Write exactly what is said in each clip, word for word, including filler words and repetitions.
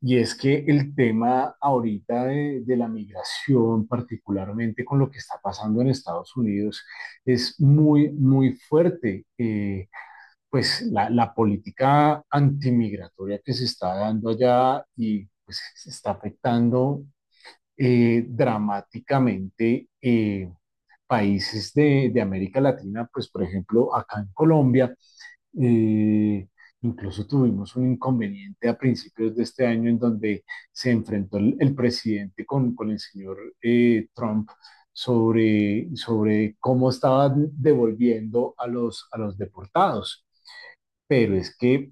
Y es que el tema ahorita de, de la migración, particularmente con lo que está pasando en Estados Unidos, es muy, muy fuerte. Eh, pues la, la política antimigratoria que se está dando allá y pues se está afectando eh, dramáticamente eh, países de, de América Latina, pues por ejemplo acá en Colombia eh, incluso tuvimos un inconveniente a principios de este año en donde se enfrentó el, el presidente con, con el señor eh, Trump sobre, sobre cómo estaban devolviendo a los, a los deportados. Pero es que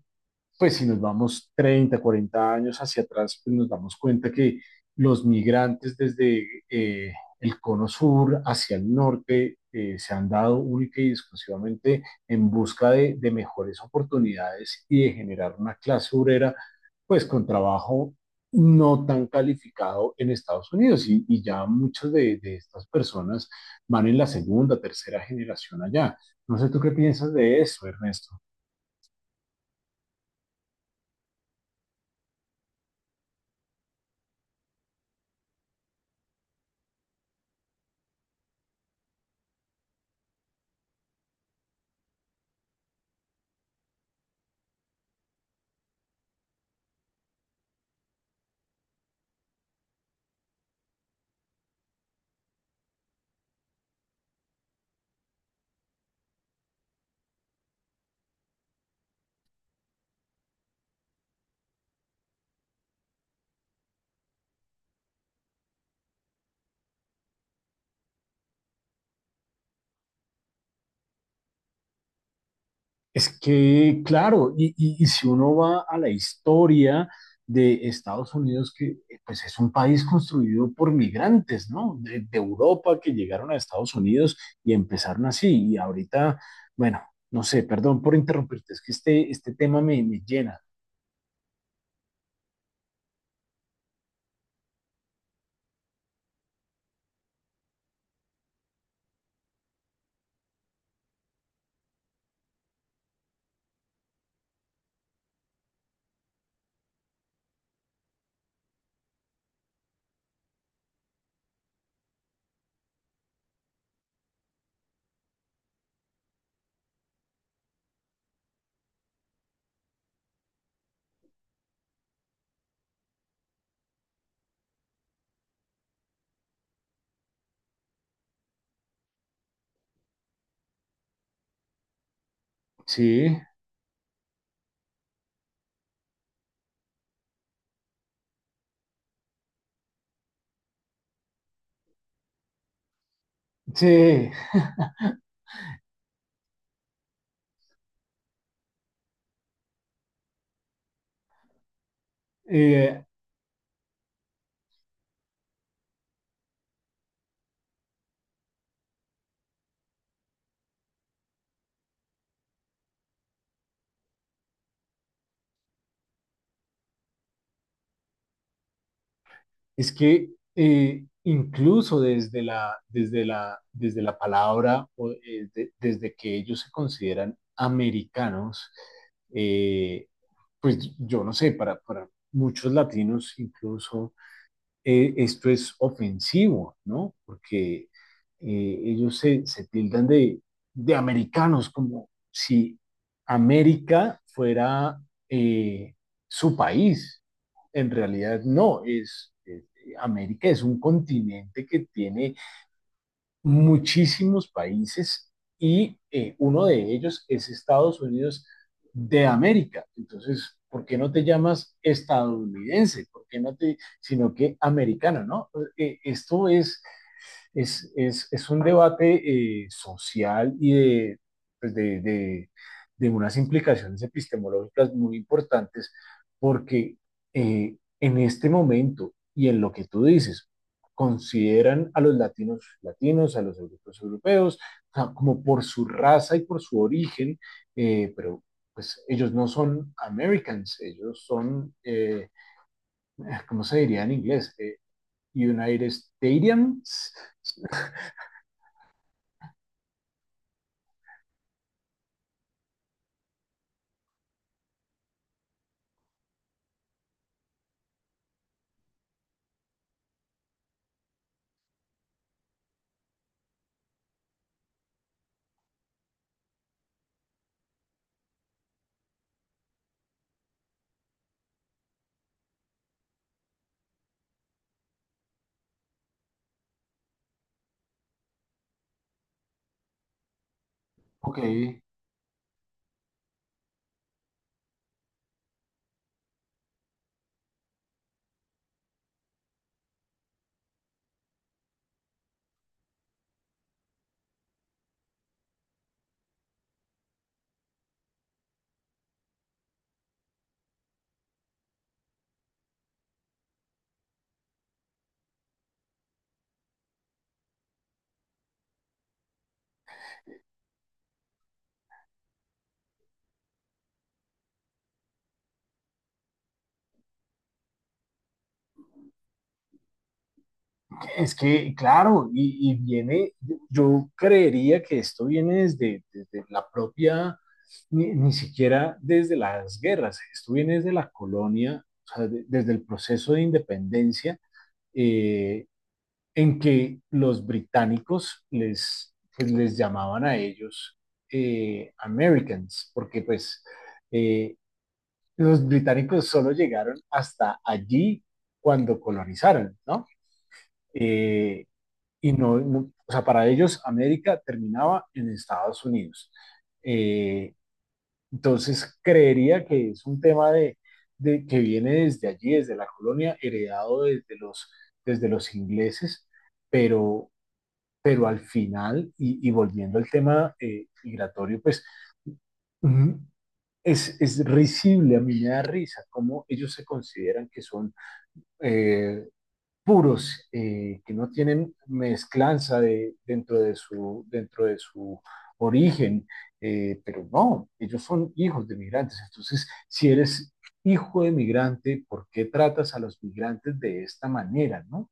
pues si nos vamos treinta, cuarenta años hacia atrás, pues nos damos cuenta que los migrantes desde eh, el cono sur hacia el norte eh, se han dado única y exclusivamente en busca de, de mejores oportunidades y de generar una clase obrera, pues con trabajo no tan calificado en Estados Unidos y, y ya muchas de, de, estas personas van en la segunda, tercera generación allá. No sé tú qué piensas de eso, Ernesto. Es que, claro, y, y- y si uno va a la historia de Estados Unidos, que eh, pues es un país construido por migrantes, ¿no? De, de Europa que llegaron a Estados Unidos y empezaron así. Y ahorita, bueno, no sé, perdón por interrumpirte, es que este, este tema me, me llena. Sí, sí. Eh, Es que eh, incluso desde la, desde la, desde la palabra, o, eh, de- desde que ellos se consideran americanos, eh, pues yo no sé, para, para muchos latinos incluso eh, esto es ofensivo, ¿no? Porque eh, ellos se, se tildan de, de americanos, como si América fuera eh, su país. En realidad no, es, es- América es un continente que tiene muchísimos países y eh, uno de ellos es Estados Unidos de América. Entonces, ¿por qué no te llamas estadounidense? ¿Por qué no te, sino que americano, ¿no? Eh, esto es es, es, es un debate eh, social y de, pues, de, de- de unas implicaciones epistemológicas muy importantes, porque eh, en este momento y en lo que tú dices, consideran a los latinos latinos, a los europeos europeos, o sea, como por su raza y por su origen, eh, pero pues ellos no son Americans, ellos son, eh, ¿cómo se diría en inglés? Eh, United Stadiums. Ok, es que, claro, y, y viene, yo creería que esto viene desde, desde la propia, ni, ni siquiera desde las guerras, esto viene desde la colonia, o sea, de- desde el proceso de independencia, eh, en que los británicos les, pues, les llamaban a ellos eh, Americans, porque pues eh, los británicos solo llegaron hasta allí cuando colonizaron, ¿no? Eh, y no, no- o sea, para ellos América terminaba en Estados Unidos. Eh, entonces, creería que es un tema de, de que viene desde allí, desde la colonia, heredado desde los, desde los ingleses, pero, pero al final, y, y volviendo al tema eh, migratorio, pues mm, es, es risible, a mí me da risa cómo ellos se consideran que son eh, puros, eh, que no tienen mezclanza de, dentro de su, dentro de su origen, eh, pero no, ellos son hijos de migrantes. Entonces, si eres hijo de migrante, ¿por qué tratas a los migrantes de esta manera, no?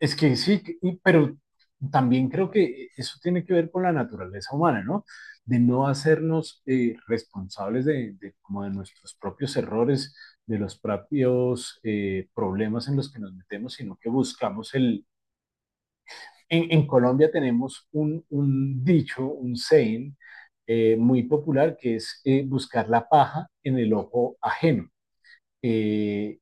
Es que sí, que- y- pero también creo que eso tiene que ver con la naturaleza humana, ¿no? De no hacernos eh, responsables de, de- como de nuestros propios errores, de los propios eh, problemas en los que nos metemos, sino que buscamos el... En, en Colombia tenemos un, un dicho, un saying eh, muy popular que es eh, buscar la paja en el ojo ajeno. Eh,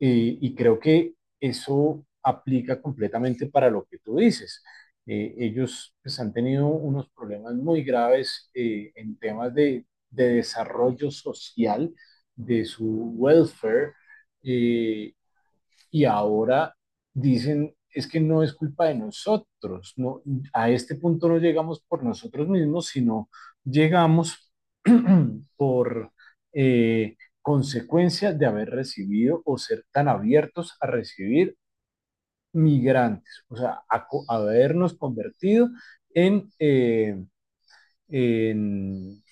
eh, y creo que eso aplica completamente para lo que tú dices. Eh, ellos pues, han tenido unos problemas muy graves eh, en temas de, de, desarrollo social, de su welfare, eh, y ahora dicen, es que no es culpa de nosotros, no, a este punto no llegamos por nosotros mismos, sino llegamos por eh, consecuencia de haber recibido o ser tan abiertos a recibir migrantes, o sea, a, a habernos convertido en, eh, en,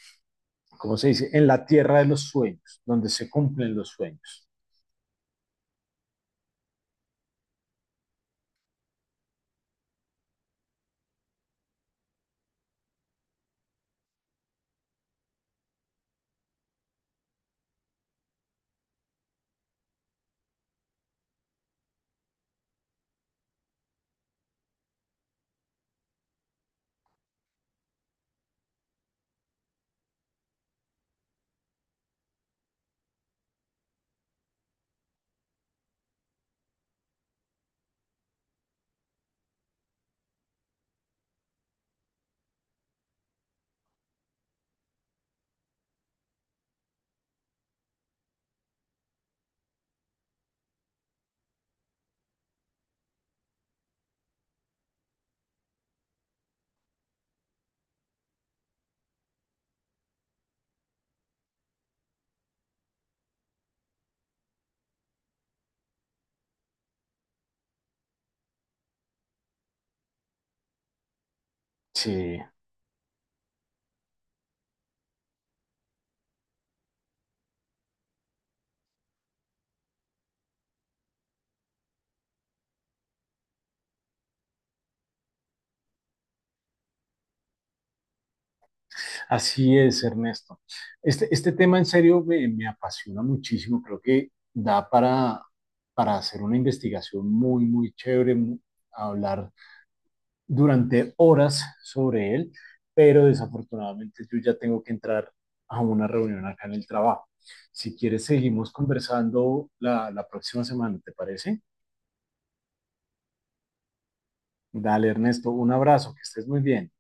¿cómo se dice?, en la tierra de los sueños, donde se cumplen los sueños. Sí. Así es, Ernesto. Este, este tema en serio me, me apasiona muchísimo. Creo que da para, para hacer una investigación muy, muy chévere, mu- hablar durante horas sobre él, pero desafortunadamente yo ya tengo que entrar a una reunión acá en el trabajo. Si quieres, seguimos conversando la, la próxima semana, ¿te parece? Dale, Ernesto, un abrazo, que estés muy bien.